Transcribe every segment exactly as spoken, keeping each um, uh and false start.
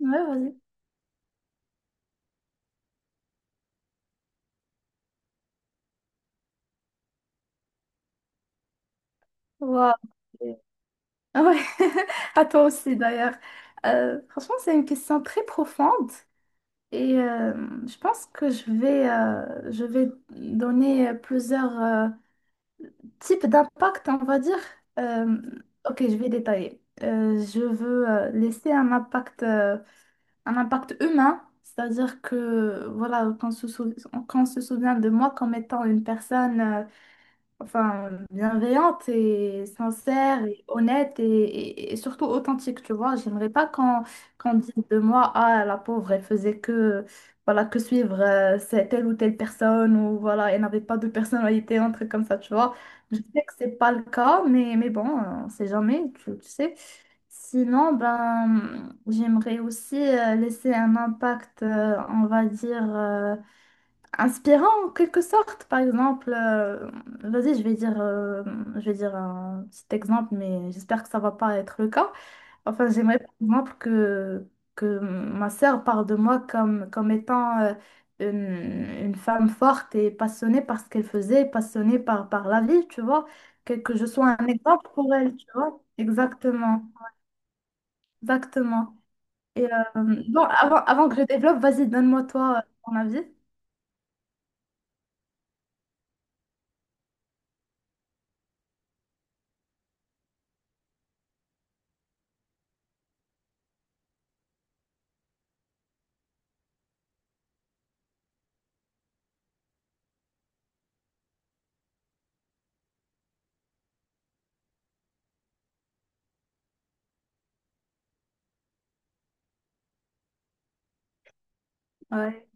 Ouais, vas-y. Waouh. Ah ouais. À toi aussi d'ailleurs. Euh, franchement, c'est une question très profonde et euh, je pense que je vais, euh, je vais donner plusieurs euh, types d'impact, on va dire. Euh, ok, je vais détailler. Euh, je veux euh, laisser un impact, euh, un impact humain, c'est-à-dire que voilà, qu'on se sou- qu'on se souvient de moi comme étant une personne. Euh, enfin, bienveillante et sincère et honnête et, et- et surtout authentique, tu vois. J'aimerais pas qu'on qu'on dise de moi, ah, la pauvre, elle faisait que, voilà, que suivre euh, c'est- telle ou telle personne ou voilà, elle n'avait pas de personnalité, un truc comme ça, tu vois. Je sais que c'est pas le cas, mais, mais bon, euh, on sait jamais, tu, tu sais. Sinon, ben, j'aimerais aussi euh, laisser un impact, euh, on va dire. euh, Inspirant en quelque sorte, par exemple, euh, vas-y, je vais dire, euh, je vais dire un petit exemple, mais j'espère que ça va pas être le cas. Enfin, j'aimerais par exemple que, que ma sœur parle de moi comme, comme étant euh, une, une femme forte et passionnée par ce qu'elle faisait, passionnée par, par la vie, tu vois, que, que je sois un exemple pour elle, tu vois. Exactement, exactement. Et euh, bon, avant, avant que je développe, vas-y, donne-moi toi euh, ton avis. Ouais.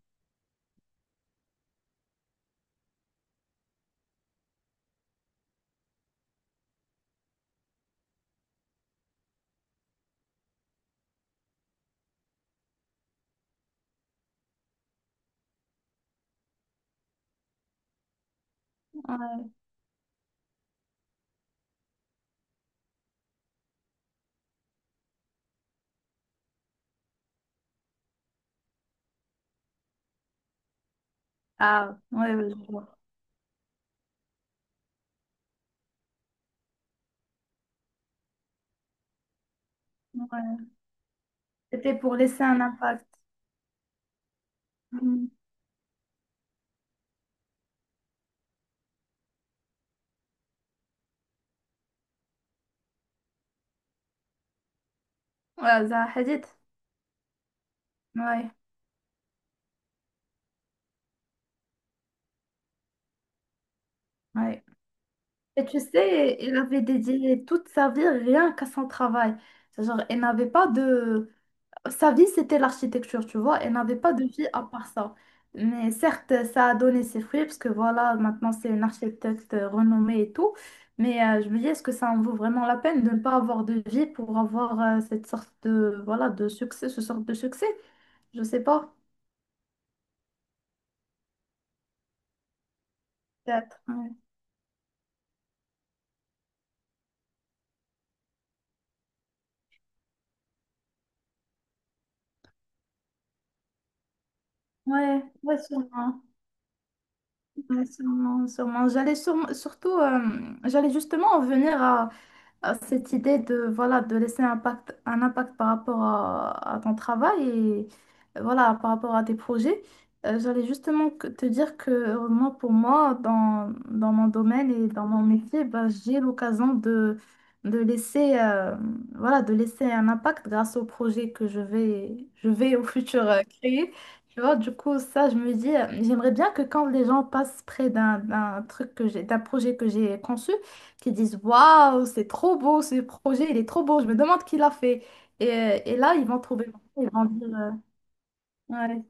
Ah, ouais, ouais, je vois. Ouais. C'était pour laisser un impact. Mhm. Ouais, Zaha Hadid. Ouais, ouais. Et tu sais, il avait dédié toute sa vie rien qu'à son travail. Genre, elle n'avait pas de... Sa vie, c'était l'architecture, tu vois. Elle n'avait pas de vie à part ça. Mais certes, ça a donné ses fruits, parce que voilà, maintenant, c'est une architecte renommée et tout. Mais euh, je me dis, est-ce que ça en vaut vraiment la peine de ne pas avoir de vie pour avoir euh, cette sorte de, voilà, de succès, ce sorte de succès? Je sais pas. Théâtre, ouais. Ouais, ouais, sûrement. Ouais, sûrement, sûrement. J'allais sûrement- surtout, euh, j'allais justement en venir à, euh, cette idée de, voilà, de laisser un impact, un impact par rapport à, à ton travail et euh, voilà, par rapport à tes projets. Euh, j'allais justement que- te dire que euh, moi, pour moi, dans, dans mon domaine et dans mon métier, bah, j'ai l'occasion de, de laisser, euh, voilà, de laisser un impact grâce au projet que je vais, je vais au futur euh, créer. Tu vois, du coup, ça, je me dis, euh, j'aimerais bien que quand les gens passent près d'un d'un truc que j'ai, d'un projet que j'ai conçu, qui disent waouh, c'est trop beau ce projet, il est trop beau, je me demande qui l'a fait. Et, euh, et là, ils vont trouver, ils vont dire euh, ouais,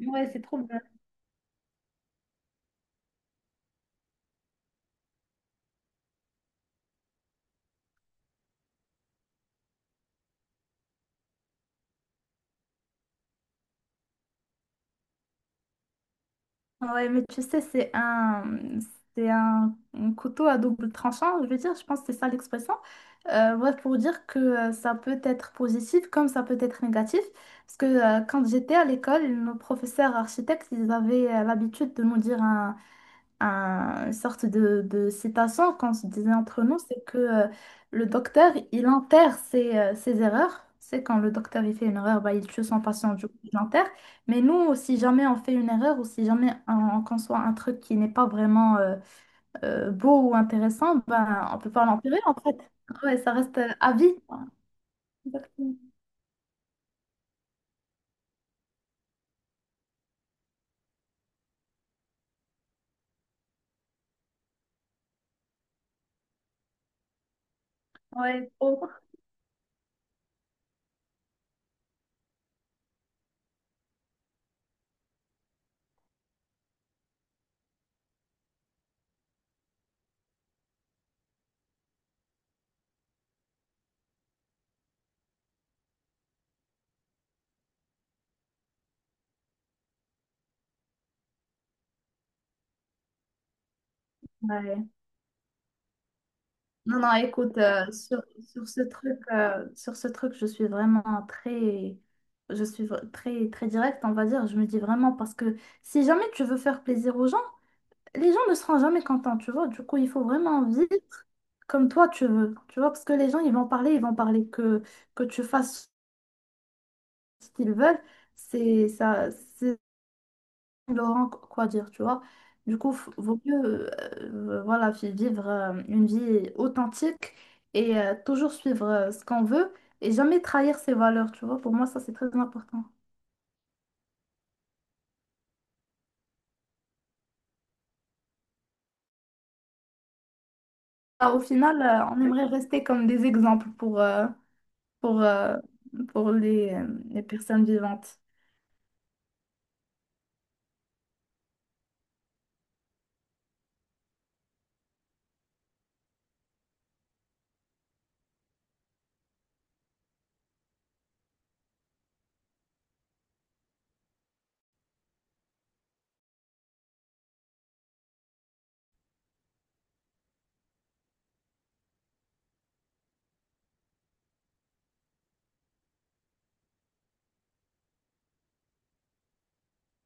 ouais, c'est trop bien. Ouais, mais tu sais, c'est un, c'est un, un couteau à double tranchant, je veux dire, je pense que c'est ça l'expression. Euh, ouais, pour dire que euh, ça peut être positif comme ça peut être négatif. Parce que euh, quand j'étais à l'école, nos professeurs architectes, ils avaient euh, l'habitude de nous dire une sorte de, de citation qu'on se disait entre nous, c'est que euh, le docteur, il enterre ses, euh, ses erreurs. C'est quand le docteur il fait une erreur, bah, il tue son patient, du coup, il l'enterre. Mais nous, si jamais on fait une erreur ou si jamais on, on conçoit un truc qui n'est pas vraiment euh, euh, beau ou intéressant, ben, on peut pas l'enterrer en fait. Ouais, ça reste euh, à vie. Exactement. Ouais, trop. Ouais. Non, non, écoute, euh, sur, sur ce truc, euh, sur ce truc, je suis vraiment très, je suis vr- très, très directe, on va dire. Je me dis vraiment parce que si jamais tu veux faire plaisir aux gens, les gens ne seront jamais contents, tu vois. Du coup, il faut vraiment vivre comme toi tu veux, tu vois, parce que les gens, ils vont parler, ils vont parler que, que tu fasses ce qu'ils veulent. C'est ça, Laurent, qu- quoi dire, tu vois. Du coup, f- vaut mieux euh, euh, voilà, fi- vivre euh, une vie authentique et euh, toujours suivre euh, ce qu'on veut et jamais trahir ses valeurs, tu vois. Pour moi, ça, c'est très important. Ah, au final, euh, on aimerait rester comme des exemples pour, euh, pour, euh, pour les, euh, les personnes vivantes.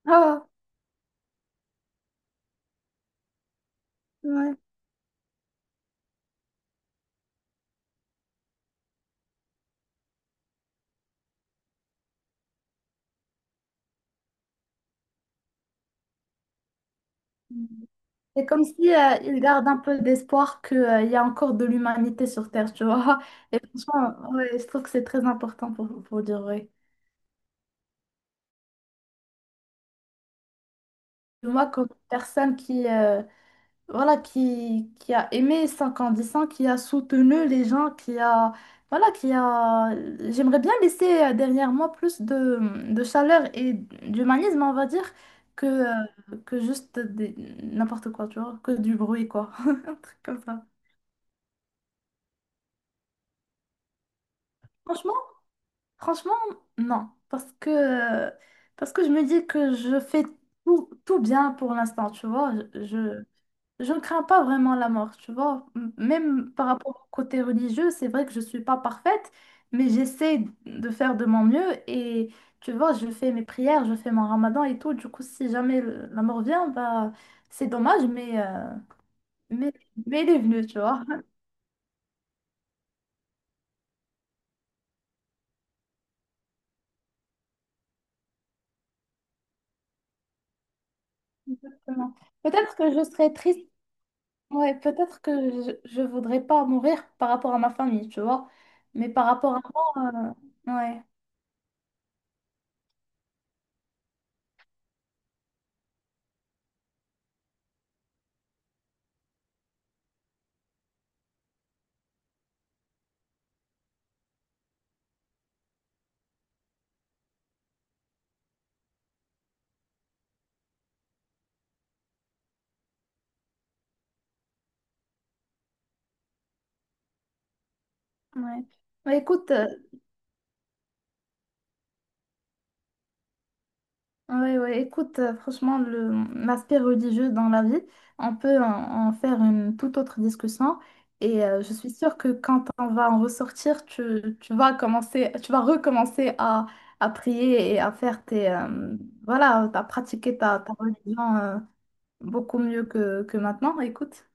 Ah, ouais. C'est comme si euh, ils gardent un peu d'espoir qu'il y a encore de l'humanité sur Terre, tu vois. Et franchement, ouais, je trouve que c'est très important pour, pour dire vrai. Moi, comme personne qui, euh, voilà, qui, qui a aimé cinquante ans, qui a soutenu les gens, qui a, voilà, qui a, j'aimerais bien laisser euh, derrière moi plus de, de chaleur et d'humanisme, on va dire, que, euh, que juste des- n'importe quoi, tu vois, que du bruit, quoi. Un truc comme ça. Franchement, franchement, non. Parce que, euh, parce que je me dis que je fais tout, tout bien pour l'instant, tu vois. je, je- Je ne crains pas vraiment la mort, tu vois. M- Même par rapport au côté religieux, c'est vrai que je ne suis pas parfaite, mais j'essaie de faire de mon mieux et tu vois, je fais mes prières, je fais mon ramadan et tout. Du coup, si jamais le- la mort vient, bah, c'est dommage, mais, euh, mais, mais elle est venue, tu vois. Exactement. Peut-être que je serais triste, ouais, peut-être que je ne voudrais pas mourir par rapport à ma famille, tu vois. Mais par rapport à moi, euh, ouais, ouais. Bah, écoute. euh, Oui, oui, écoute, euh, franchement, le, l'aspect religieux dans la vie, on peut en, en faire une toute autre discussion. Et euh, je suis sûre que quand on va en ressortir, tu, tu vas commencer, tu vas recommencer à, à prier et à faire tes, euh, voilà, à pratiquer ta, ta religion euh, beaucoup mieux que, que maintenant. Écoute,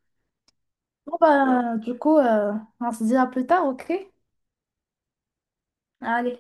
bon, bah, du coup, euh, on se dit à plus tard, ok? Allez.